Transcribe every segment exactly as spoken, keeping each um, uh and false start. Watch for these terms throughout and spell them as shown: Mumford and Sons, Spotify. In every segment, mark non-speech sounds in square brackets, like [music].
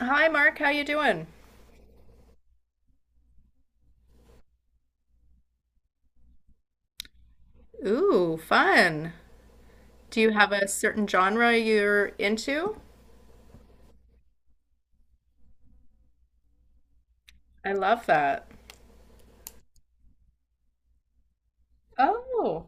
Hi Mark, how you doing? Ooh, fun. Do you have a certain genre you're into? I love that. Oh.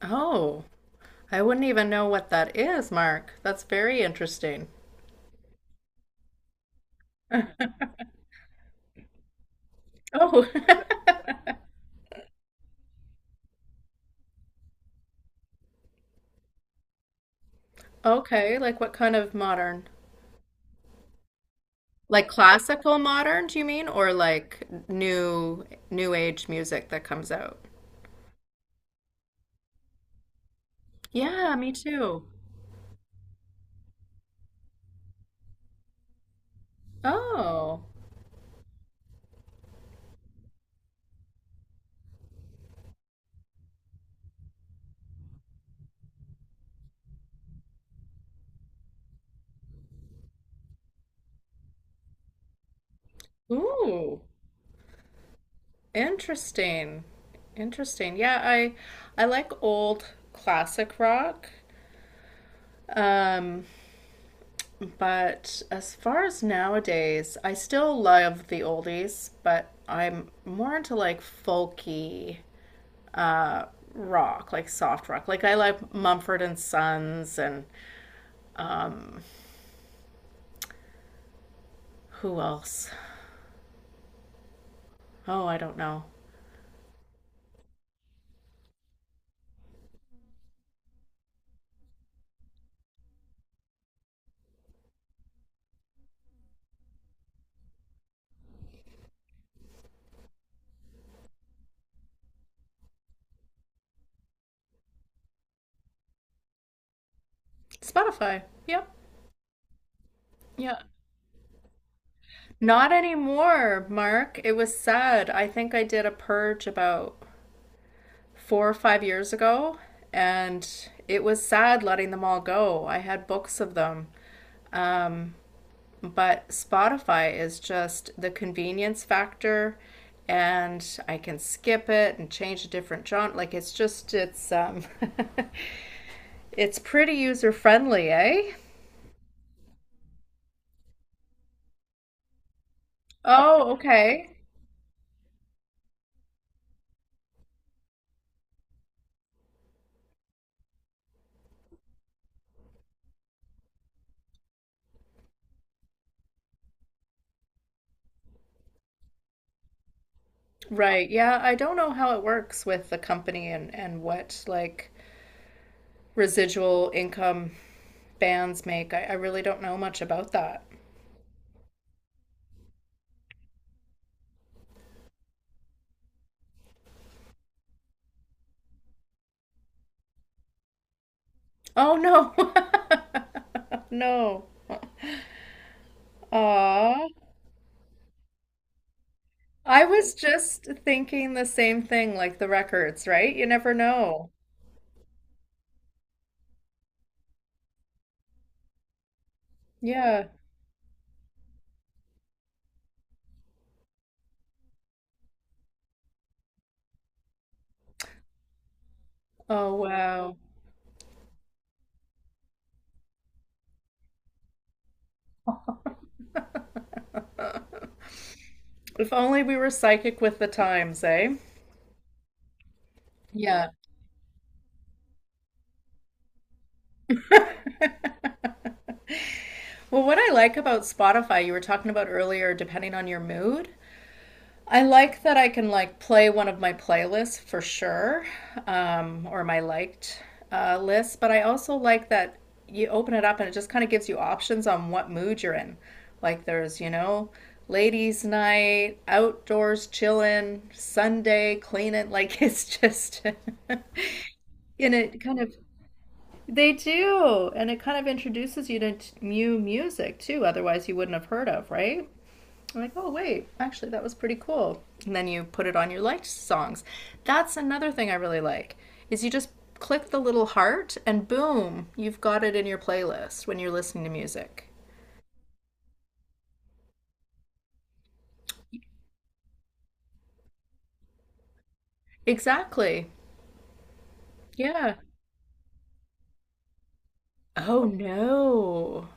Oh. I wouldn't even know what that is, Mark. That's very interesting. Oh. [laughs] Okay, like what kind of modern? Like classical modern, do you mean? Or like new new age music that comes out? Yeah, me too. Oh. Ooh. Interesting. Interesting. Yeah, I I like old classic rock. Um, but as far as nowadays, I still love the oldies, but I'm more into like folky uh rock, like soft rock. Like I like Mumford and Sons and who else? Oh, I don't know. Spotify. Yep. Yeah. Not anymore, Mark. It was sad. I think I did a purge about four or five years ago, and it was sad letting them all go. I had books of them. Um, but Spotify is just the convenience factor, and I can skip it and change a different genre. Like it's just it's um, [laughs] it's pretty user friendly, eh? Oh, okay. Right. Yeah, I don't know how it works with the company and and what like residual income bands make. I, I really don't know much about that. Oh no. [laughs] No. Aw. I was just thinking the same thing, like the records, right? You never know. Yeah. Oh wow. If only we were psychic with the times, eh? Yeah. Well, what I like about Spotify, you were talking about earlier, depending on your mood. I like that I can like play one of my playlists for sure, um, or my liked uh, list, but I also like that you open it up and it just kind of gives you options on what mood you're in. Like there's, you know, ladies' night, outdoors chillin', Sunday cleaning. [laughs] Like it's just, [laughs] and it kind of, they do. And it kind of introduces you to t- new music too, otherwise you wouldn't have heard of, right? I'm like, oh, wait, actually, that was pretty cool. And then you put it on your liked songs. That's another thing I really like is you just click the little heart and boom, you've got it in your playlist when you're listening to music. Exactly. Yeah. Oh no.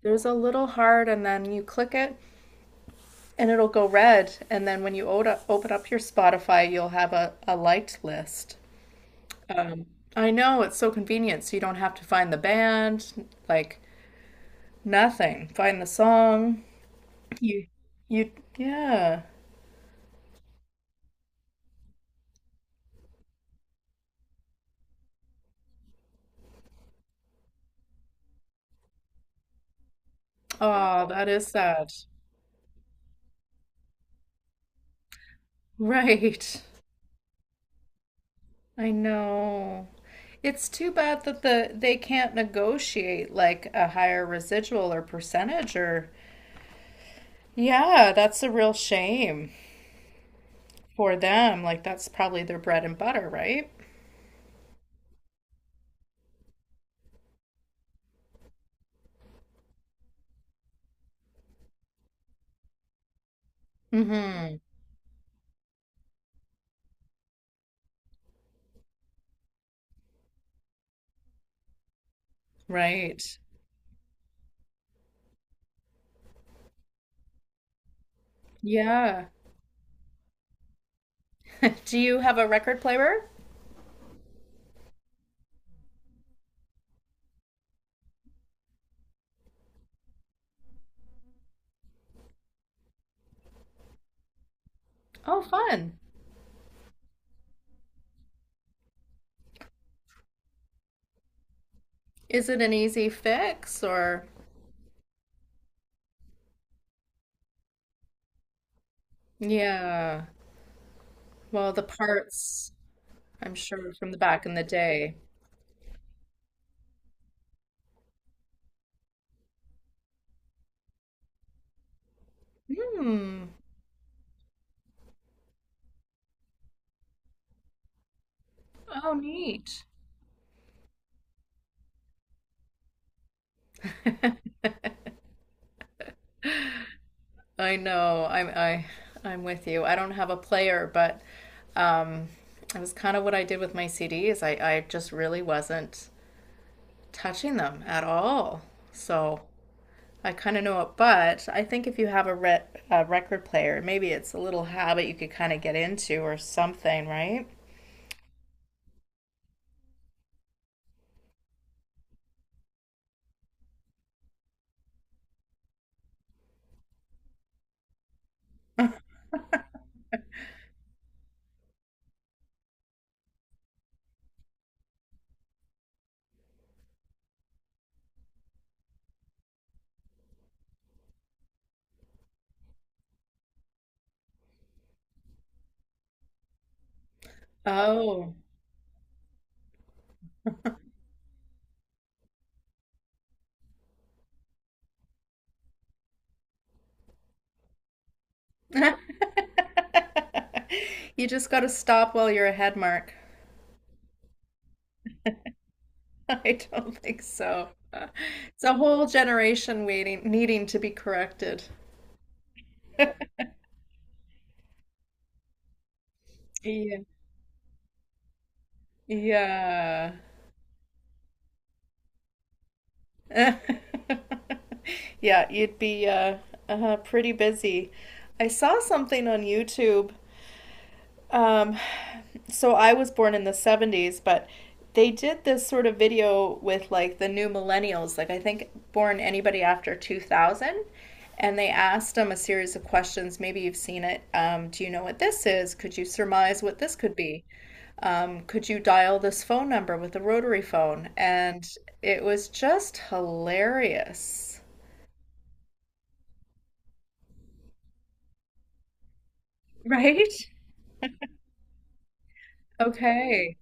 There's a little heart and then you click it and it'll go red and then when you o- open up your Spotify, you'll have a, a liked list. Um, I know it's so convenient so you don't have to find the band like nothing. Find the song. You, you, yeah. Oh, that is sad. Right. I know. It's too bad that the they can't negotiate like a higher residual or percentage or yeah, that's a real shame for them. Like that's probably their bread and butter, right? Mm-hmm. Right. Yeah. [laughs] Do you have a record player? Oh, fun. Is it an easy fix or yeah. Well, the parts, I'm sure, from the back in the day. Hmm. Oh, neat. I know. I'm I I'm with you. I don't have a player, but um, it was kind of what I did with my C Ds. I I just really wasn't touching them at all. So I kind of know it, but I think if you have a, re a record player, maybe it's a little habit you could kind of get into or something, right? Oh. [laughs] You just got to stop while you're ahead, Mark. [laughs] I don't think so. Uh, It's a whole generation waiting, needing to be corrected. Yeah. Yeah. [laughs] Yeah, you'd be uh, uh pretty busy. I saw something on YouTube. Um, so I was born in the seventies, but they did this sort of video with like the new millennials, like I think born anybody after two thousand. And they asked them a series of questions. Maybe you've seen it. Um, do you know what this is? Could you surmise what this could be? Um, could you dial this phone number with a rotary phone? And it was just hilarious. Right? Okay.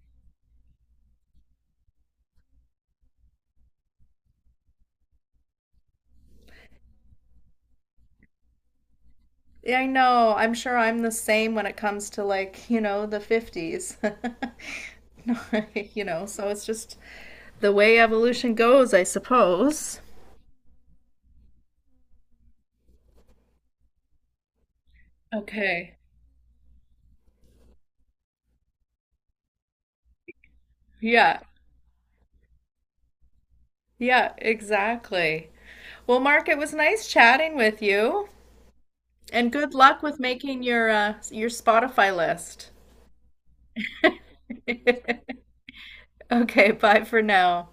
Yeah, I know. I'm sure I'm the same when it comes to like, you know, the fifties. [laughs] No, [laughs] you know, so it's just the way evolution goes, I suppose. Okay. Yeah. Yeah, exactly. Well, Mark, it was nice chatting with you, and good luck with making your uh, your Spotify list. [laughs] Okay, bye for now.